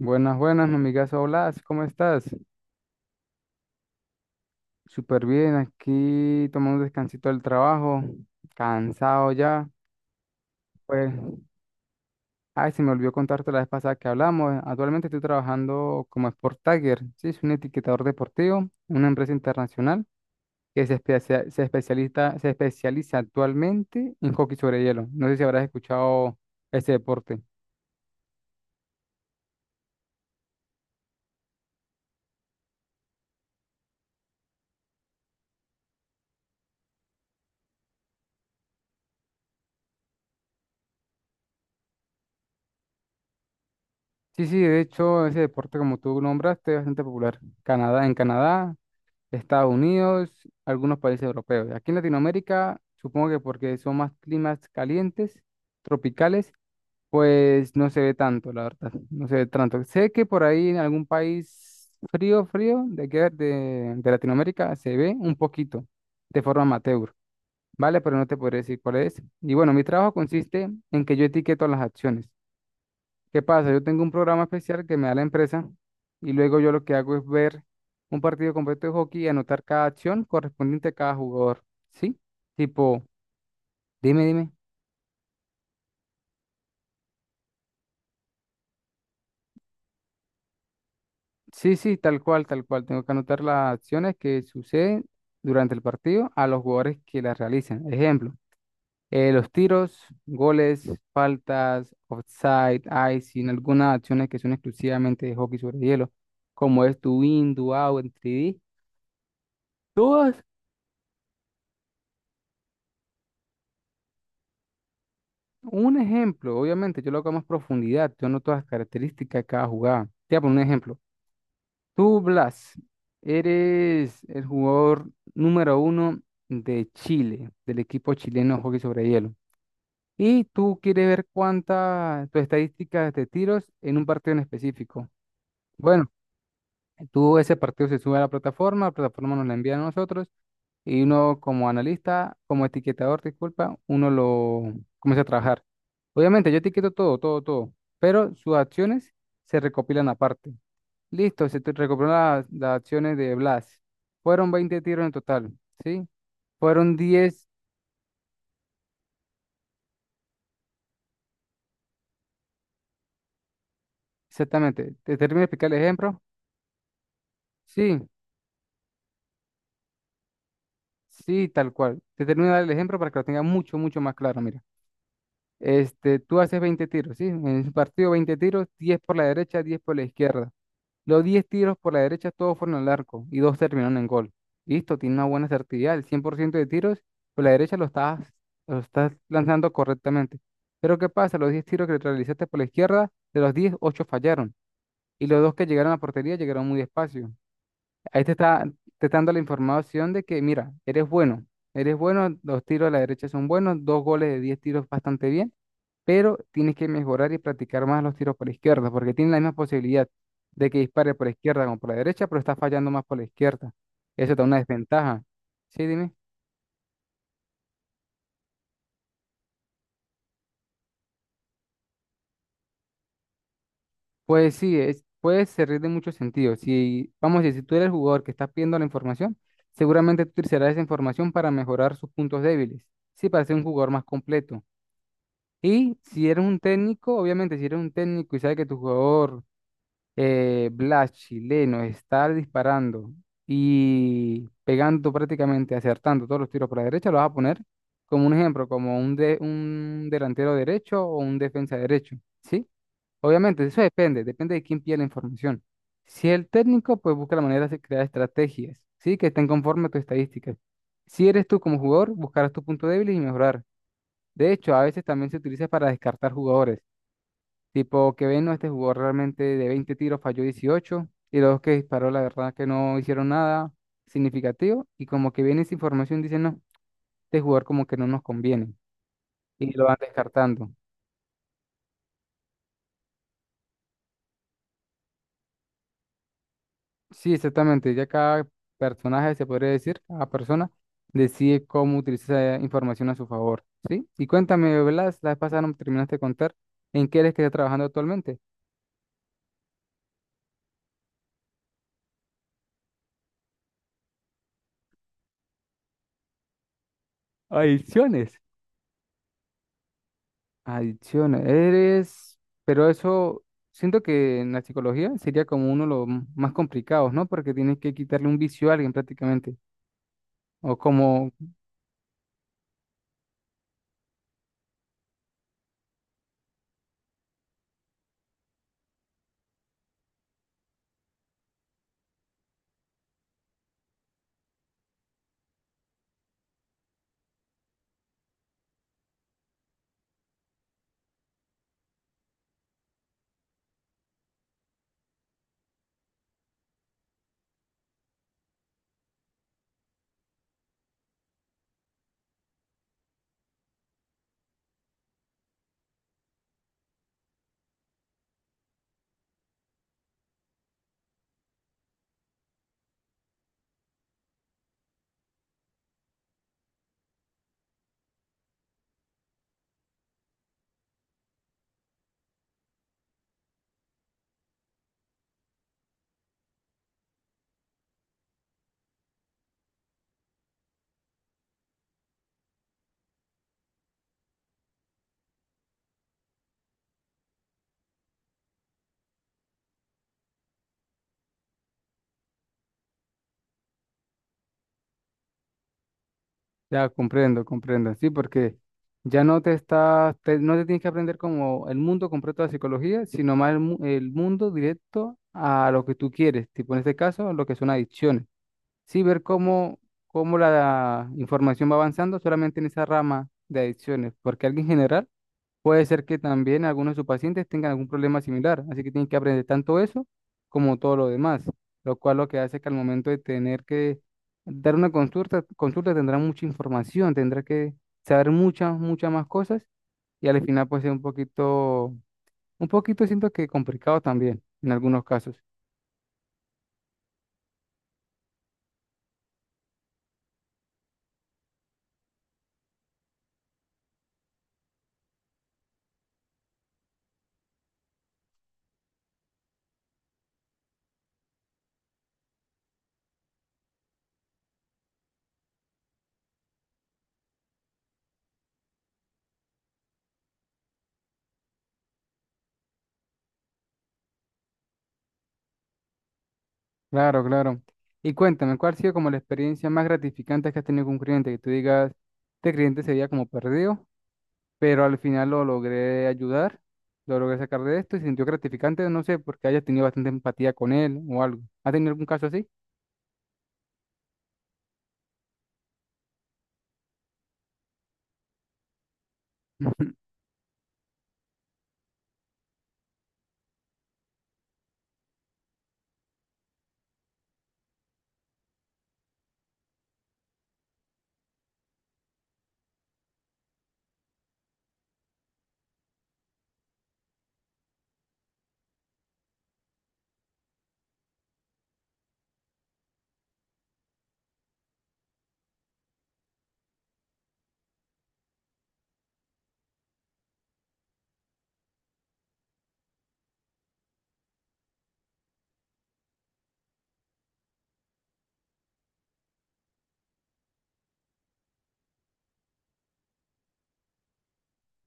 Buenas, buenas, mi amigazo. Hola, ¿cómo estás? Súper bien, aquí tomando un descansito del trabajo, cansado ya. Pues, ay, se me olvidó contarte la vez pasada que hablamos. Actualmente estoy trabajando como Sport Tagger, sí, soy un etiquetador deportivo, en una empresa internacional que se especializa, actualmente en hockey sobre hielo. No sé si habrás escuchado ese deporte. Sí, sí, de hecho, ese deporte, como tú nombraste, es bastante popular. Canadá, en Canadá, Estados Unidos, algunos países europeos. Aquí en Latinoamérica, supongo que porque son más climas calientes, tropicales, pues no se ve tanto, la verdad, no se ve tanto. Sé que por ahí en algún país frío, frío, de, aquí de Latinoamérica, se ve un poquito, de forma amateur, ¿vale? Pero no te podré decir cuál es. Y bueno, mi trabajo consiste en que yo etiqueto las acciones. ¿Qué pasa? Yo tengo un programa especial que me da la empresa y luego yo lo que hago es ver un partido completo de hockey y anotar cada acción correspondiente a cada jugador. ¿Sí? Tipo, dime, dime. Sí, sí, tal cual, tal cual. Tengo que anotar las acciones que suceden durante el partido a los jugadores que las realizan. Ejemplo, los tiros, goles, faltas, offside, icing, algunas acciones que son exclusivamente de hockey sobre hielo, como es do in, do out, en tres d. Todas. Un ejemplo, obviamente, yo lo hago a más profundidad, yo noto las características de cada jugada. Te voy a poner un ejemplo. Tú, Blas, eres el jugador número uno de Chile, del equipo chileno de hockey sobre hielo. Y tú quieres ver cuántas tus estadísticas de tiros en un partido en específico. Bueno, tú ese partido se sube a la plataforma nos la envía a nosotros y uno como analista, como etiquetador, disculpa, uno lo comienza a trabajar. Obviamente, yo etiqueto todo, todo, todo, pero sus acciones se recopilan aparte. Listo, se te recopilan las acciones de Blas. Fueron 20 tiros en total, ¿sí? Fueron 10 exactamente. ¿Te termino de explicar el ejemplo? Sí, sí, tal cual. Te termino de dar el ejemplo para que lo tenga mucho, mucho más claro, mira. Este, tú haces 20 tiros, ¿sí? En un partido 20 tiros, 10 por la derecha, 10 por la izquierda. Los 10 tiros por la derecha todos fueron al arco y dos terminaron en gol. Listo, tiene una buena certidumbre. El 100% de tiros por la derecha lo estás lanzando correctamente. Pero ¿qué pasa? Los 10 tiros que realizaste por la izquierda, de los diez, 8 fallaron. Y los dos que llegaron a la portería llegaron muy despacio. Ahí te está dando la información de que, mira, eres bueno, los tiros a la derecha son buenos, dos goles de 10 tiros bastante bien, pero tienes que mejorar y practicar más los tiros por la izquierda, porque tiene la misma posibilidad de que dispare por la izquierda como por la derecha, pero está fallando más por la izquierda. Eso te da una desventaja. Sí, dime. Pues sí, es, puede servir de muchos sentidos. Si, vamos a decir, si tú eres el jugador que estás pidiendo la información, seguramente tú utilizarás esa información para mejorar sus puntos débiles. Sí, para ser un jugador más completo. Y si eres un técnico, obviamente, si eres un técnico y sabes que tu jugador, Blas chileno, está disparando y pegando prácticamente, acertando todos los tiros por la derecha, lo vas a poner como un ejemplo, como un, de, un delantero derecho o un defensa derecho, ¿sí? Obviamente, eso depende, depende de quién pide la información. Si el técnico, pues busca la manera de crear estrategias, ¿sí? Que estén conforme a tus estadísticas. Si eres tú como jugador, buscarás tus puntos débiles y mejorar. De hecho, a veces también se utiliza para descartar jugadores. Tipo que ven, no, este jugador realmente de 20 tiros falló 18 y los que disparó, la verdad que no hicieron nada significativo y como que viene esa información, dicen, no, este jugador como que no nos conviene y lo van descartando. Sí, exactamente, ya cada personaje, se podría decir, cada persona decide cómo utilizar esa información a su favor, ¿sí? Y cuéntame, Blas, la vez pasada no me terminaste de contar en qué eres que estás trabajando actualmente. Adiciones. Adicciones. Eres, pero eso, siento que en la psicología sería como uno de los más complicados, ¿no? Porque tienes que quitarle un vicio a alguien prácticamente. O como, ya comprendo, comprendo, sí, porque ya no te estás, no te tienes que aprender como el mundo completo de la psicología, sino más el, el mundo directo a lo que tú quieres, tipo en este caso, lo que son adicciones. Sí, ver cómo, cómo la información va avanzando solamente en esa rama de adicciones, porque alguien general puede ser que también algunos de sus pacientes tengan algún problema similar, así que tienen que aprender tanto eso como todo lo demás, lo cual lo que hace es que al momento de tener que dar una consulta, consulta tendrá mucha información, tendrá que saber muchas, muchas más cosas y al final puede ser un poquito siento que complicado también en algunos casos. Claro, claro. Y cuéntame, ¿cuál ha sido como la experiencia más gratificante que has tenido con un cliente? Que tú digas, este cliente se veía como perdido pero al final lo logré ayudar, lo logré sacar de esto y se sintió gratificante, no sé, porque haya tenido bastante empatía con él o algo. ¿Ha tenido algún caso así?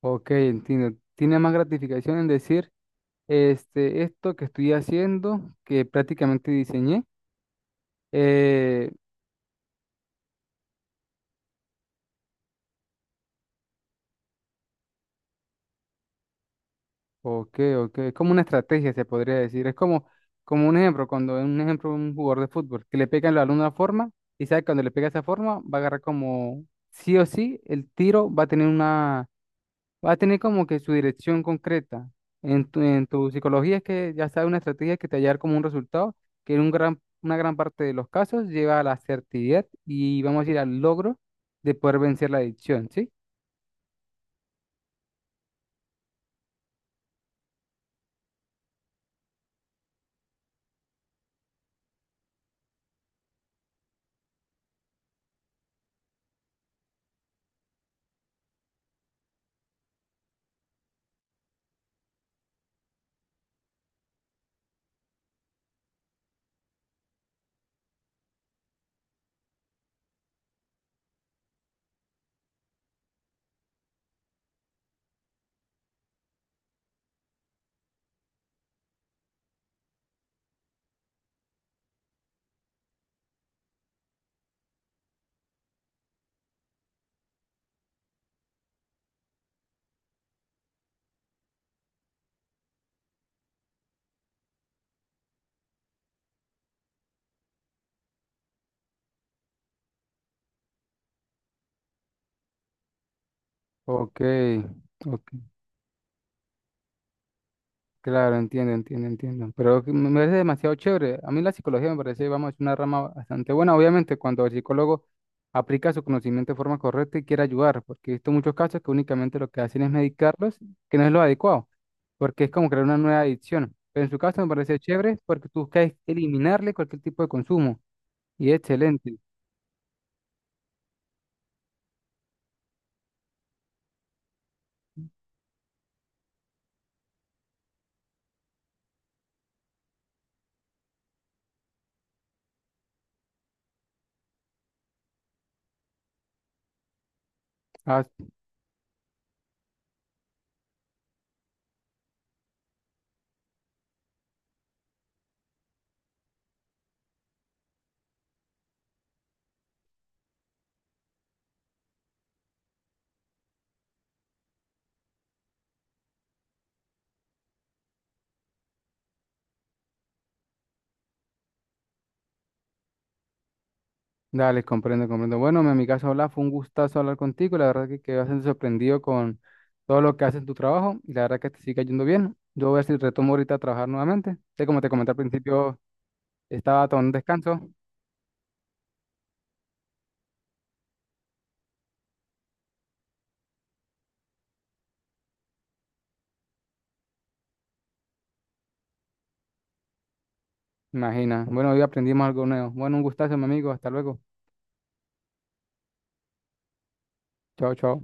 Ok, entiendo. Tiene más gratificación en decir, este, esto que estoy haciendo, que prácticamente diseñé. eh, ok, ok. Es como una estrategia, se podría decir. Es como, como un ejemplo, cuando un ejemplo un jugador de fútbol, que le pega el balón de una forma, y sabe que cuando le pega esa forma, va a agarrar como sí o sí, el tiro va a tener una. Va a tener como que su dirección concreta. En tu psicología es que ya sabes una estrategia que te va a llevar como un resultado, que en un gran, una gran parte de los casos lleva a la certidumbre y vamos a ir al logro de poder vencer la adicción, ¿sí? Ok, ok. Claro, entiendo, entiendo, entiendo. Pero que me parece demasiado chévere. A mí la psicología me parece, vamos, una rama bastante buena. Obviamente, cuando el psicólogo aplica su conocimiento de forma correcta y quiere ayudar, porque he visto muchos casos que únicamente lo que hacen es medicarlos, que no es lo adecuado, porque es como crear una nueva adicción. Pero en su caso me parece chévere porque tú buscas eliminarle cualquier tipo de consumo y es excelente. Ah, Dale, comprendo, comprendo. Bueno, mi amigazo, hola, fue un gustazo hablar contigo. La verdad que quedé bastante sorprendido con todo lo que haces en tu trabajo y la verdad que te sigue yendo bien. Yo voy a ver si retomo ahorita a trabajar nuevamente. Sé como te comenté al principio, estaba tomando un descanso. Imagina. Bueno, hoy aprendimos algo nuevo. Bueno, un gustazo, mi amigo. Hasta luego. Chao, chao.